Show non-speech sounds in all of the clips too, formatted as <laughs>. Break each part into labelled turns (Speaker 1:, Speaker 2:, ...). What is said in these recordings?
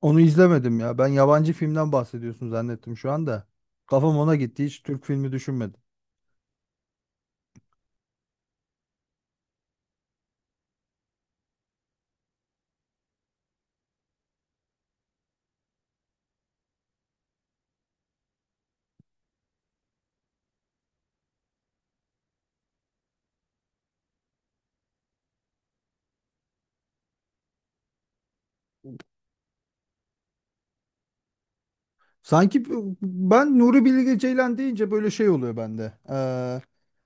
Speaker 1: Onu izlemedim ya. Ben yabancı filmden bahsediyorsun zannettim şu anda. Kafam ona gitti. Hiç Türk filmi düşünmedim. Sanki ben Nuri Bilge Ceylan deyince böyle şey oluyor bende.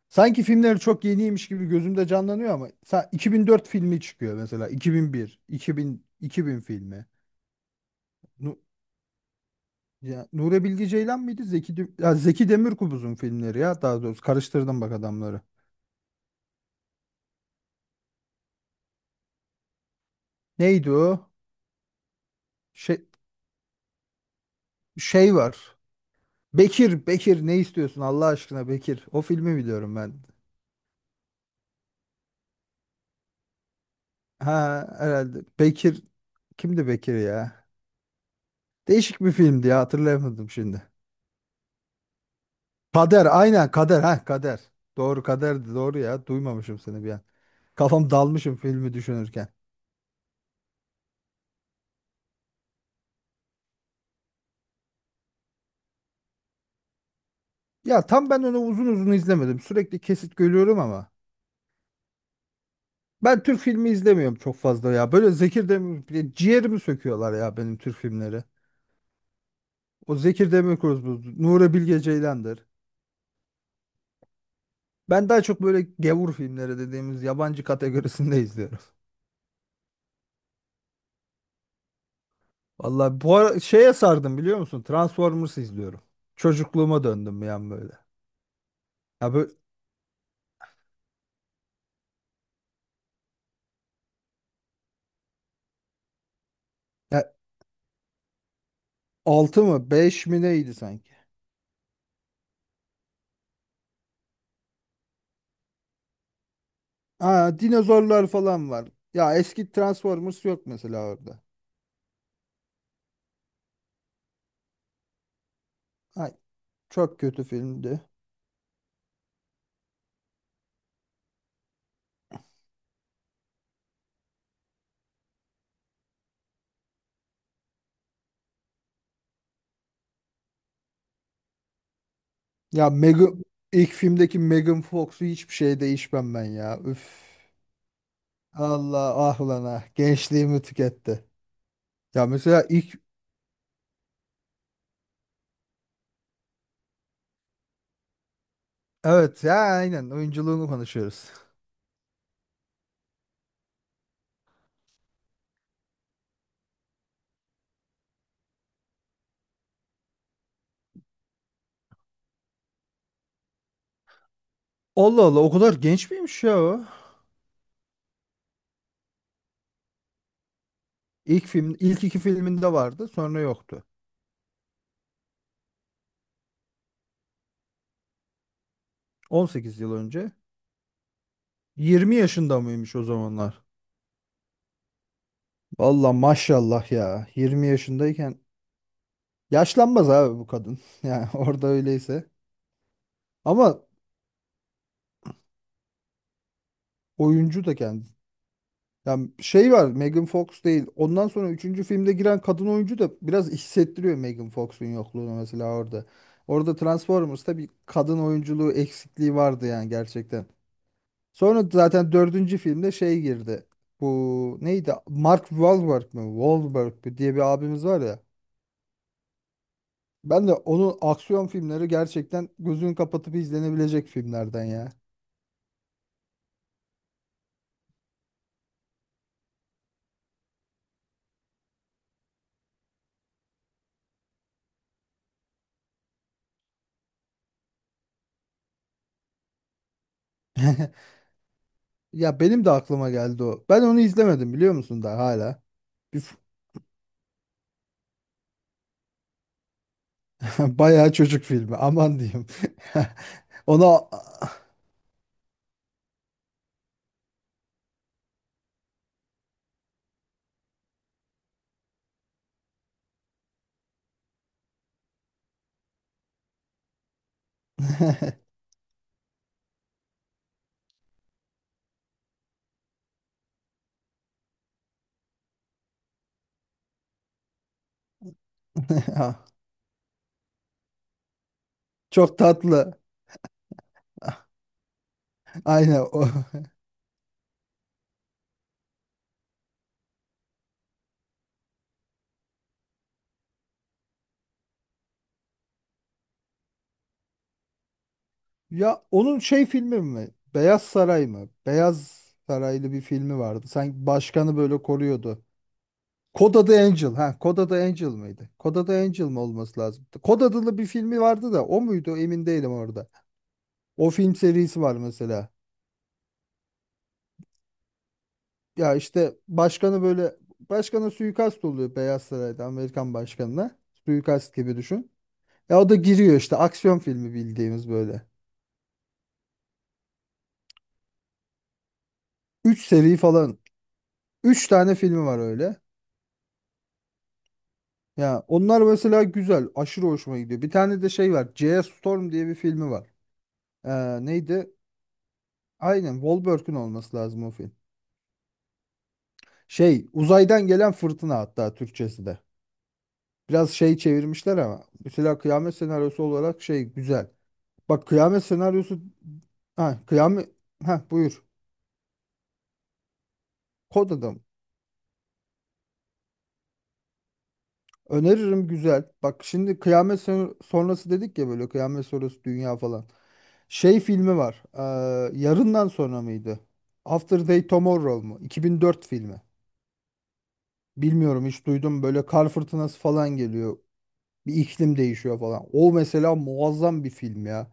Speaker 1: Sanki filmleri çok yeniymiş gibi gözümde canlanıyor ama 2004 filmi çıkıyor mesela. 2001, 2000, bin iki bin filmi. Ya, Nuri Bilge Ceylan mıydı? Zeki Demirkubuz'un filmleri ya daha doğrusu karıştırdım bak adamları. Neydi o? Şey, şey var. Bekir, Bekir ne istiyorsun Allah aşkına Bekir. O filmi biliyorum ben. Ha, herhalde. Bekir kimdi Bekir ya? Değişik bir filmdi ya hatırlayamadım şimdi. Kader, aynen Kader, ha Kader. Doğru, Kader'di doğru ya, duymamışım seni bir an. Kafam dalmışım filmi düşünürken. Ya tam ben onu uzun uzun izlemedim. Sürekli kesit görüyorum ama. Ben Türk filmi izlemiyorum çok fazla ya. Böyle Zekir Demir bile ciğerimi söküyorlar ya benim, Türk filmleri. O Zekir Demirkubuz, Nuri Bilge Ceylan'dır. Ben daha çok böyle gevur filmleri dediğimiz yabancı kategorisinde izliyorum. Vallahi bu ara şeye sardım biliyor musun? Transformers izliyorum. Çocukluğuma döndüm yani böyle. Ya böyle, ya 6 mı 5 mi neydi sanki? Aa, dinozorlar falan var. Ya eski Transformers yok mesela orada. Ay çok kötü filmdi. Ya ilk filmdeki Megan Fox'u hiçbir şey değişmem ben ya. Üf. Allah ah lan ah. Gençliğimi tüketti. Ya mesela ilk Evet ya, aynen, oyunculuğunu konuşuyoruz. Allah Allah, o kadar genç miymiş ya o? İlk iki filminde vardı sonra yoktu. 18 yıl önce. 20 yaşında mıymış o zamanlar? Valla maşallah ya. 20 yaşındayken yaşlanmaz abi bu kadın. <laughs> Yani orada öyleyse. Ama oyuncu da kendisi. Yani şey var, Megan Fox değil. Ondan sonra üçüncü filmde giren kadın oyuncu da biraz hissettiriyor Megan Fox'un yokluğunu mesela orada. Orada Transformers'ta bir kadın oyunculuğu eksikliği vardı yani gerçekten. Sonra zaten dördüncü filmde şey girdi. Bu neydi? Mark Wahlberg mi? Wahlberg mi diye bir abimiz var ya. Ben de onun aksiyon filmleri gerçekten gözünü kapatıp izlenebilecek filmlerden ya. <laughs> Ya benim de aklıma geldi o. Ben onu izlemedim biliyor musun daha hala. Bir, <laughs> Bayağı çocuk filmi. Aman diyeyim. <laughs> Ona <laughs> çok tatlı. Aynen o. <laughs> Ya onun şey filmi mi? Beyaz Saray mı? Beyaz Saraylı bir filmi vardı. Sanki başkanı böyle koruyordu. Kod adı Angel. Ha, Kod adı Angel mıydı? Kod adı Angel mi olması lazım? Kod adlı bir filmi vardı da o muydu? Emin değilim orada. O film serisi var mesela. Ya işte başkanı böyle başkana suikast oluyor Beyaz Saray'da, Amerikan başkanına. Suikast gibi düşün. Ya o da giriyor işte, aksiyon filmi bildiğimiz böyle. Üç seri falan. Üç tane filmi var öyle. Ya onlar mesela güzel. Aşırı hoşuma gidiyor. Bir tane de şey var, J.S. Storm diye bir filmi var. Neydi? Aynen, Wahlberg'ün olması lazım o film. Şey uzaydan gelen fırtına, hatta Türkçesi de. Biraz şey çevirmişler ama. Mesela kıyamet senaryosu olarak şey güzel. Bak, kıyamet senaryosu, ha kıyamet, ha buyur. Kod adam. Öneririm, güzel. Bak şimdi kıyamet sonrası dedik ya, böyle kıyamet sonrası dünya falan. Şey filmi var. Yarından sonra mıydı? After Day Tomorrow mu? 2004 filmi. Bilmiyorum, hiç duydum, böyle kar fırtınası falan geliyor. Bir iklim değişiyor falan. O mesela muazzam bir film ya.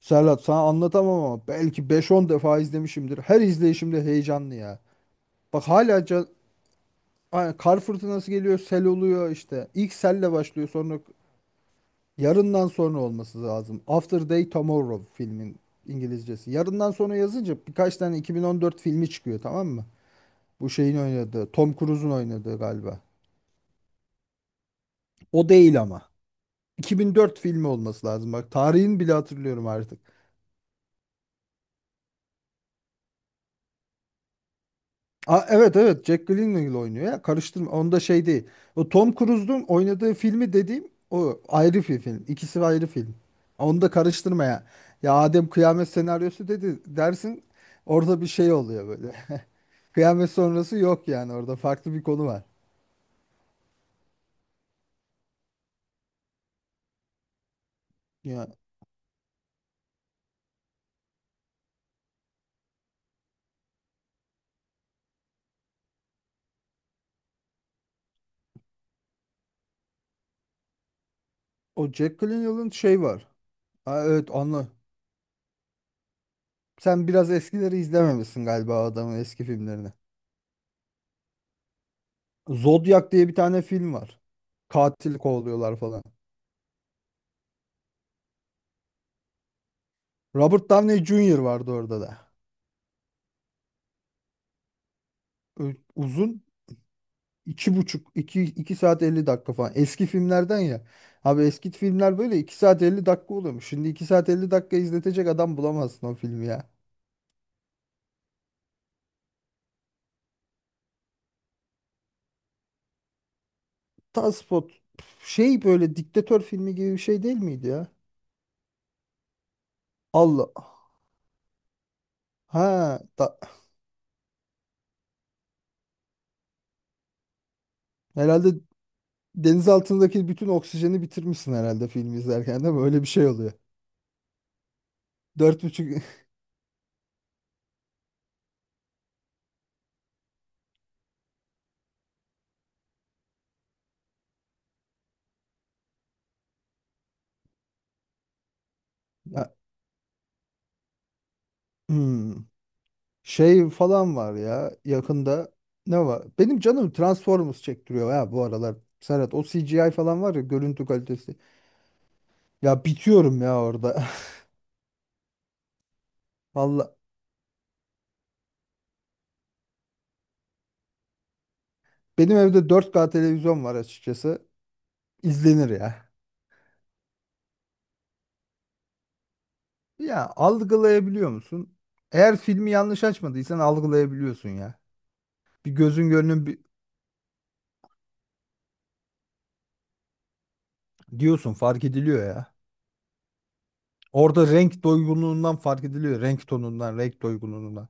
Speaker 1: Serhat sana anlatamam ama belki beş on defa izlemişimdir. Her izleyişimde heyecanlı ya. Bak hala aynen, kar fırtınası geliyor, sel oluyor işte. İlk selle başlıyor, sonra yarından sonra olması lazım. After Day Tomorrow filmin İngilizcesi. Yarından sonra yazınca birkaç tane 2014 filmi çıkıyor tamam mı? Bu şeyin oynadığı, Tom Cruise'un oynadığı galiba. O değil ama. 2004 filmi olması lazım. Bak tarihini bile hatırlıyorum artık. Aa, evet evet, Jack Gyllenhaal oynuyor ya, karıştırma onda, şey değil. O Tom Cruise'un oynadığı filmi dediğim o ayrı bir film. İkisi ayrı film. Onu da karıştırma ya. Ya Adem kıyamet senaryosu dedi dersin, orada bir şey oluyor böyle. <laughs> Kıyamet sonrası yok yani, orada farklı bir konu var. Ya o Jack Gyllenhaal'ın şey var. Ha, evet anla. Sen biraz eskileri izlememişsin galiba, adamın eski filmlerini. Zodiac diye bir tane film var. Katil kovalıyorlar falan. Robert Downey Jr. vardı orada da. Uzun. İki buçuk iki, iki saat 50 dakika falan. Eski filmlerden ya. Abi eski filmler böyle 2 saat 50 dakika oluyormuş. Şimdi 2 saat 50 dakika izletecek adam bulamazsın o filmi ya. Taspot, şey böyle diktatör filmi gibi bir şey değil miydi ya? Allah. Ha da, herhalde deniz altındaki bütün oksijeni bitirmişsin herhalde filmi izlerken, değil mi? Öyle bir şey oluyor. Dört buçuk... <laughs> Ya, hmm. Şey falan var ya yakında, ne var? Benim canım Transformers çektiriyor ya bu aralar. Serhat, o CGI falan var ya, görüntü kalitesi. Ya bitiyorum ya orada. <laughs> Valla benim evde 4K televizyon var açıkçası. İzlenir ya. Ya algılayabiliyor musun? Eğer filmi yanlış açmadıysan algılayabiliyorsun ya. Bir gözün gönlün bir diyorsun, fark ediliyor ya. Orada renk doygunluğundan fark ediliyor. Renk tonundan, renk doygunluğundan.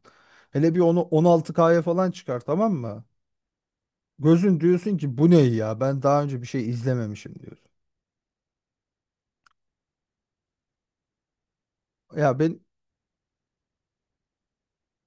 Speaker 1: Hele bir onu 16K'ya falan çıkar, tamam mı? Gözün diyorsun ki bu ne ya, ben daha önce bir şey izlememişim diyorsun. Ya ben